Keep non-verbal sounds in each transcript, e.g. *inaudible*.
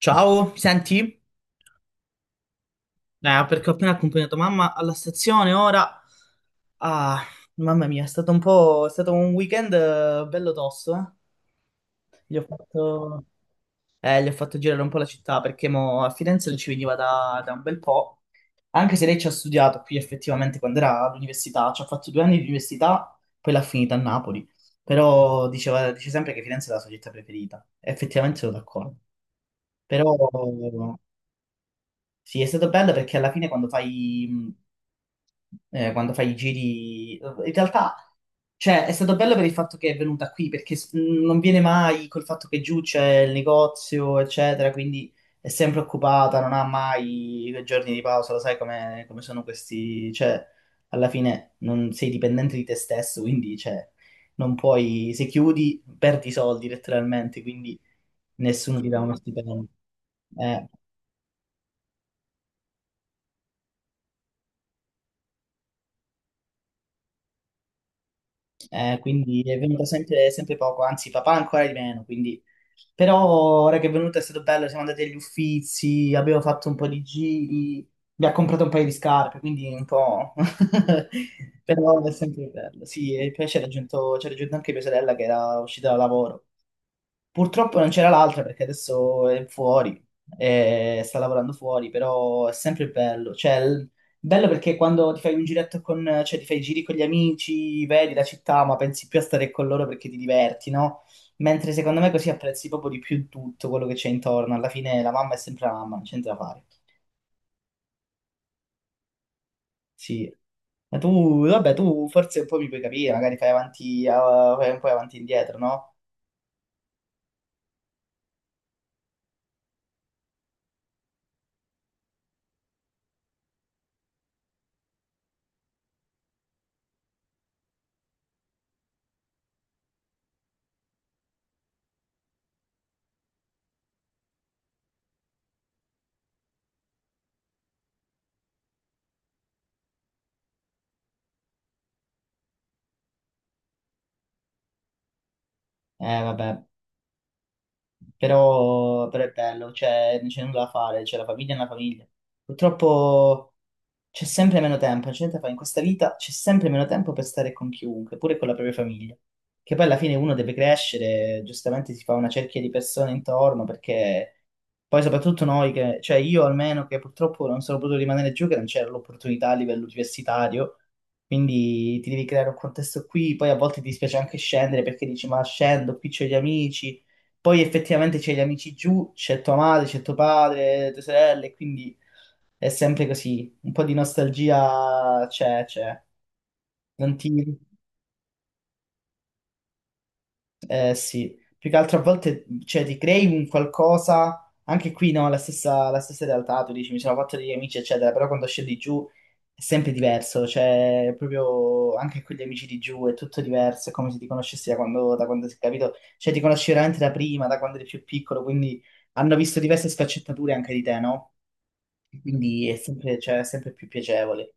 Ciao, mi senti? Perché ho appena accompagnato mamma alla stazione, ora... Ah, mamma mia, è stato un po'... è stato un weekend bello tosto, eh. Gli ho fatto... gli ho fatto girare un po' la città, perché mo a Firenze non ci veniva da un bel po', anche se lei ci ha studiato qui effettivamente quando era all'università, ci ha fatto 2 anni di università, poi l'ha finita a Napoli, però diceva, dice sempre che Firenze è la sua città preferita, effettivamente sono d'accordo, però... Sì, è stato bello perché alla fine quando fai i giri, in realtà, cioè, è stato bello per il fatto che è venuta qui, perché non viene mai col fatto che giù c'è il negozio, eccetera, quindi è sempre occupata, non ha mai i giorni di pausa, lo sai come sono questi, cioè, alla fine non sei dipendente di te stesso, quindi, cioè, non puoi, se chiudi, perdi i soldi letteralmente, quindi nessuno ti dà uno stipendio. Eh. Quindi è venuta sempre poco, anzi papà ancora di meno, quindi... Però ora che è venuta è stato bello, siamo andati agli Uffizi, abbiamo fatto un po' di giri, mi ha comprato un paio di scarpe, quindi un po'... *laughs* Però è sempre bello, sì, e poi ci ha raggiunto anche mia sorella che era uscita da lavoro. Purtroppo non c'era l'altra perché adesso è fuori, sta lavorando fuori, però è sempre bello. Cioè, bello perché quando ti fai un giretto con, cioè ti fai i giri con gli amici, vedi la città, ma pensi più a stare con loro perché ti diverti, no? Mentre secondo me così apprezzi proprio di più tutto quello che c'è intorno. Alla fine la mamma è sempre la mamma, non c'entra da fare. Sì. Ma tu, vabbè, tu forse un po' mi puoi capire, magari fai avanti, fai un po' avanti e indietro, no? Vabbè. Però, però è bello, cioè, non c'è nulla da fare, cioè, la famiglia è una famiglia. Purtroppo, c'è sempre meno tempo, non c'è niente da fare. In questa vita c'è sempre meno tempo per stare con chiunque, pure con la propria famiglia. Che poi alla fine uno deve crescere, giustamente si fa una cerchia di persone intorno, perché poi soprattutto noi che, cioè io almeno che purtroppo non sono potuto rimanere giù, che non c'era l'opportunità a livello universitario, quindi ti devi creare un contesto qui, poi a volte ti dispiace anche scendere perché dici ma scendo, qui c'ho gli amici, poi effettivamente c'è gli amici giù, c'è tua madre, c'è tuo padre, tue sorelle, quindi... È sempre così, un po' di nostalgia c'è. Non ti... Eh sì, più che altro a volte cioè, ti crei un qualcosa, anche qui no, la stessa realtà, tu dici mi sono fatto degli amici eccetera, però quando scendi giù è sempre diverso, cioè proprio anche con gli amici di giù è tutto diverso, è come se ti conoscessi da quando sei capito, cioè ti conosci veramente da prima, da quando eri più piccolo, quindi hanno visto diverse sfaccettature anche di te, no? Quindi è sempre, cioè, è sempre più piacevole.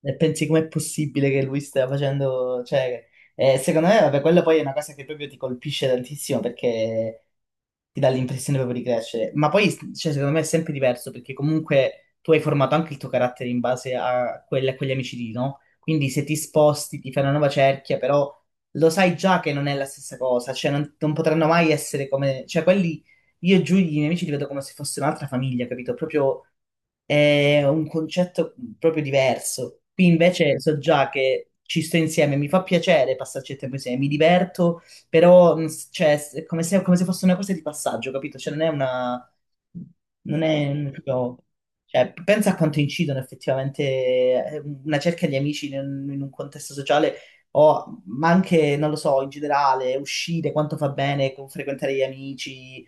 E pensi com'è possibile che lui stia facendo, cioè, secondo me, vabbè, quella poi è una cosa che proprio ti colpisce tantissimo perché ti dà l'impressione proprio di crescere. Ma poi, cioè, secondo me è sempre diverso perché comunque tu hai formato anche il tuo carattere in base a, a quegli amici lì, no? Quindi se ti sposti, ti fai una nuova cerchia, però lo sai già che non è la stessa cosa, cioè non potranno mai essere come... Cioè quelli, io e Giulia, i miei amici, li vedo come se fosse un'altra famiglia, capito? Proprio è un concetto proprio diverso. Qui invece so già che ci sto insieme, mi fa piacere passarci il tempo insieme, mi diverto però cioè, è come se fosse una cosa di passaggio, capito? Cioè, non è una... non è proprio- cioè, pensa a quanto incidono effettivamente una cerca di amici in un contesto sociale, o, ma anche, non lo so, in generale, uscire, quanto fa bene frequentare gli amici,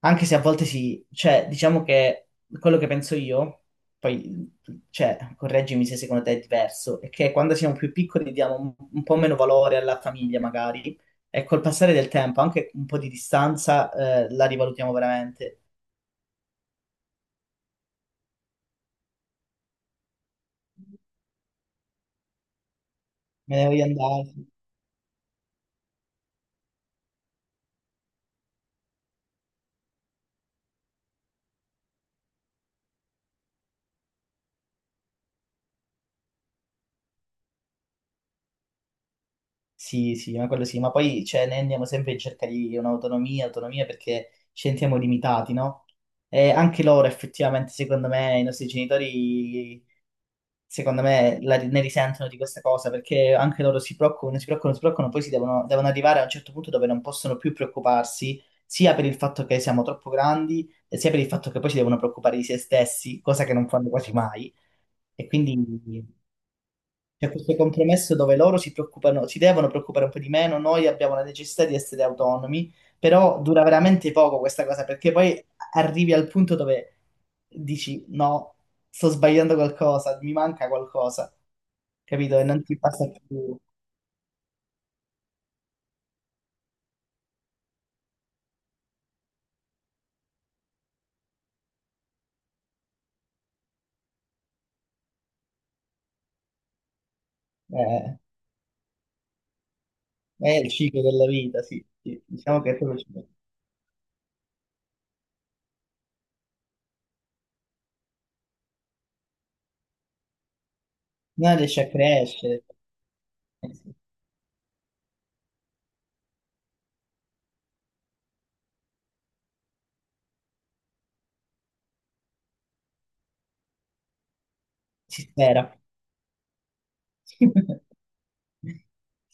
anche se a volte sì, cioè, diciamo che quello che penso io, poi, cioè, correggimi se secondo te è diverso, è che quando siamo più piccoli diamo un po' meno valore alla famiglia, magari, e col passare del tempo, anche un po' di distanza, la rivalutiamo veramente. Me ne voglio andare. Sì, sì, ma quello sì, ma poi, cioè, ne andiamo sempre in cerca di un'autonomia, autonomia perché ci sentiamo limitati, no? E anche loro, effettivamente, secondo me, i nostri genitori. Secondo me, ne risentono di questa cosa perché anche loro si preoccupano, si preoccupano, si preoccupano, poi devono arrivare a un certo punto dove non possono più preoccuparsi, sia per il fatto che siamo troppo grandi, e sia per il fatto che poi si devono preoccupare di se stessi, cosa che non fanno quasi mai. E quindi c'è questo compromesso dove loro si preoccupano, si devono preoccupare un po' di meno, noi abbiamo la necessità di essere autonomi, però dura veramente poco questa cosa perché poi arrivi al punto dove dici no, sto sbagliando qualcosa, mi manca qualcosa capito? E non ti passa più, eh, è il ciclo della vita, sì, sì. Diciamo che è proprio il ciclo. Non riesci a crescere, eh sì, si spera. *laughs*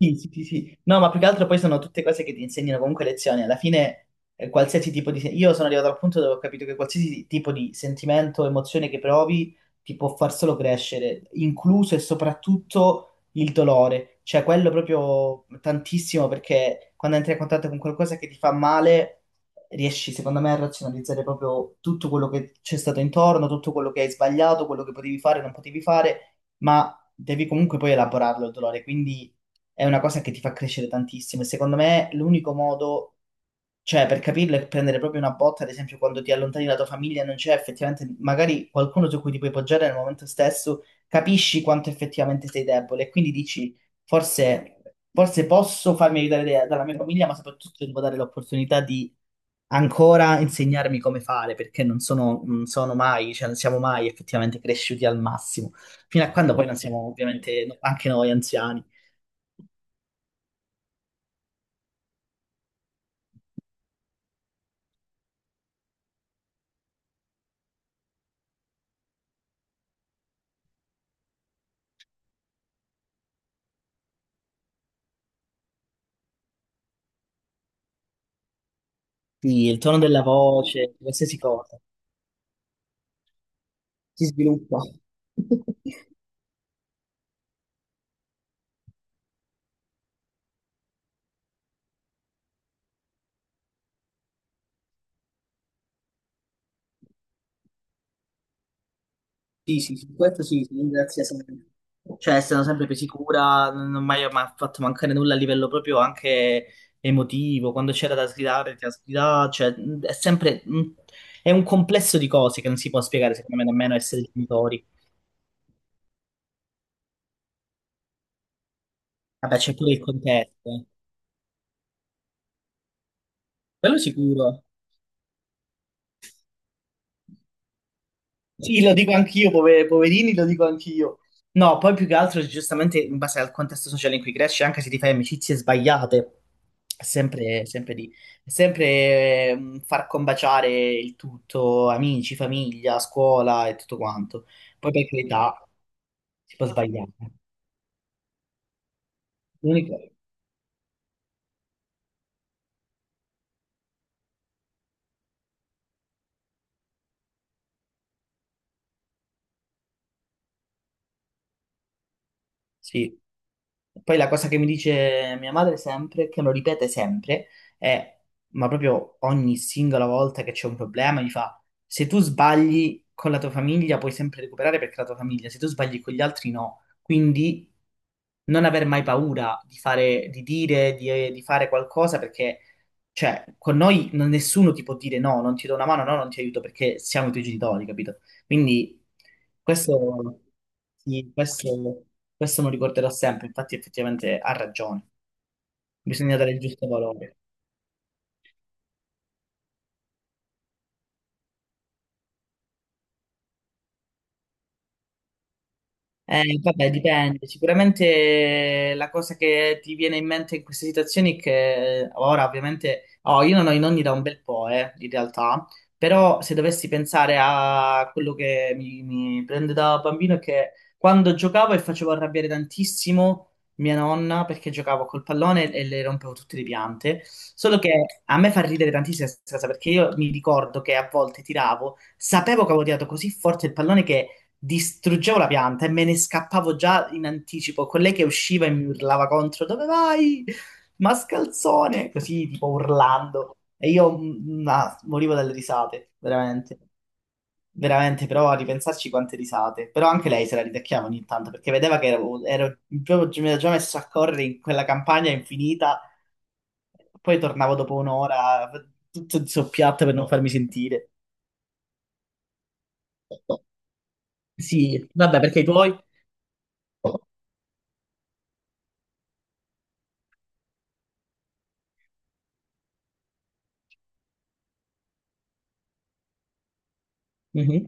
Sì, sì, sì, sì. No, ma più che altro poi sono tutte cose che ti insegnano comunque lezioni. Alla fine, qualsiasi tipo di... Io sono arrivato al punto dove ho capito che qualsiasi tipo di sentimento, emozione che provi ti può far solo crescere, incluso e soprattutto il dolore. Cioè, quello proprio tantissimo, perché quando entri a contatto con qualcosa che ti fa male, riesci, secondo me, a razionalizzare proprio tutto quello che c'è stato intorno, tutto quello che hai sbagliato, quello che potevi fare, non potevi fare. Ma devi comunque poi elaborarlo il dolore, quindi è una cosa che ti fa crescere tantissimo. E secondo me l'unico modo, cioè per capirlo, è prendere proprio una botta, ad esempio quando ti allontani dalla tua famiglia e non c'è effettivamente magari qualcuno su cui ti puoi poggiare nel momento stesso, capisci quanto effettivamente sei debole e quindi dici forse, forse posso farmi aiutare dalla mia famiglia, ma soprattutto devo dare l'opportunità di ancora insegnarmi come fare, perché non sono mai, cioè non siamo mai effettivamente cresciuti al massimo fino a quando poi non siamo ovviamente anche noi anziani. Quindi il tono della voce, qualsiasi cosa. Si sviluppa. *laughs* Sì, sì, su questo sì, ti ringrazio sempre. Cioè, sono sempre più sicura, non ho mai fatto mancare nulla a livello proprio anche emotivo. Quando c'era da sgridare, ti ha sgridato. Cioè, è sempre... è un complesso di cose che non si può spiegare, secondo me, nemmeno essere genitori. Vabbè, c'è pure il contesto. Eh. Quello sicuro. Sì, lo dico anch'io, poverini, lo dico anch'io. No, poi più che altro, giustamente, in base al contesto sociale in cui cresci, anche se ti fai amicizie sbagliate, è sempre lì. È sempre far combaciare il tutto, amici, famiglia, scuola e tutto quanto. Poi per carità, si può sbagliare. L'unico, sì. Poi la cosa che mi dice mia madre sempre, che lo ripete sempre, è, ma proprio ogni singola volta che c'è un problema, mi fa, se tu sbagli con la tua famiglia puoi sempre recuperare perché è la tua famiglia, se tu sbagli con gli altri no. Quindi non aver mai paura di fare, di dire, di fare qualcosa perché cioè, con noi nessuno ti può dire no, non ti do una mano, no, non ti aiuto perché siamo i tuoi genitori, capito? Quindi questo, sì, questo me lo ricorderò sempre, infatti effettivamente ha ragione, bisogna dare il giusto valore. Vabbè, dipende. Sicuramente la cosa che ti viene in mente in queste situazioni è che ora ovviamente... Oh, io non ho i nonni da un bel po', in realtà, però se dovessi pensare a quello che mi prende da bambino è che quando giocavo e facevo arrabbiare tantissimo mia nonna perché giocavo col pallone e le rompevo tutte le piante, solo che a me fa ridere tantissimo questa cosa perché io mi ricordo che a volte tiravo, sapevo che avevo tirato così forte il pallone che distruggevo la pianta e me ne scappavo già in anticipo con lei che usciva e mi urlava contro dove vai? Mascalzone! Così tipo urlando e io morivo dalle risate, veramente. Veramente, però a ripensarci quante risate. Però anche lei se la ridacchiava ogni tanto perché vedeva che ero proprio, mi ero già messo a correre in quella campagna infinita. Poi tornavo dopo 1 ora tutto zoppiato per non farmi sentire. Sì, vabbè, perché i tuoi? Mhm.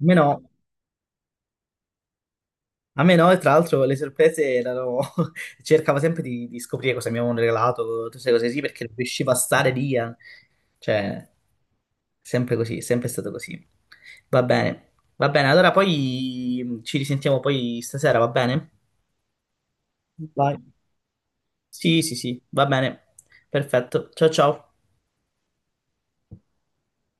A me no, a me no, e tra l'altro le sorprese erano... *laughs* cercavo sempre di scoprire cosa mi avevano regalato, tutte queste cose sì, perché non riuscivo a stare lì. Cioè, sempre così, sempre stato così. Va bene, va bene, allora poi ci risentiamo poi stasera, va bene? Vai. Sì, sì, sì, va bene. Perfetto. Ciao ciao.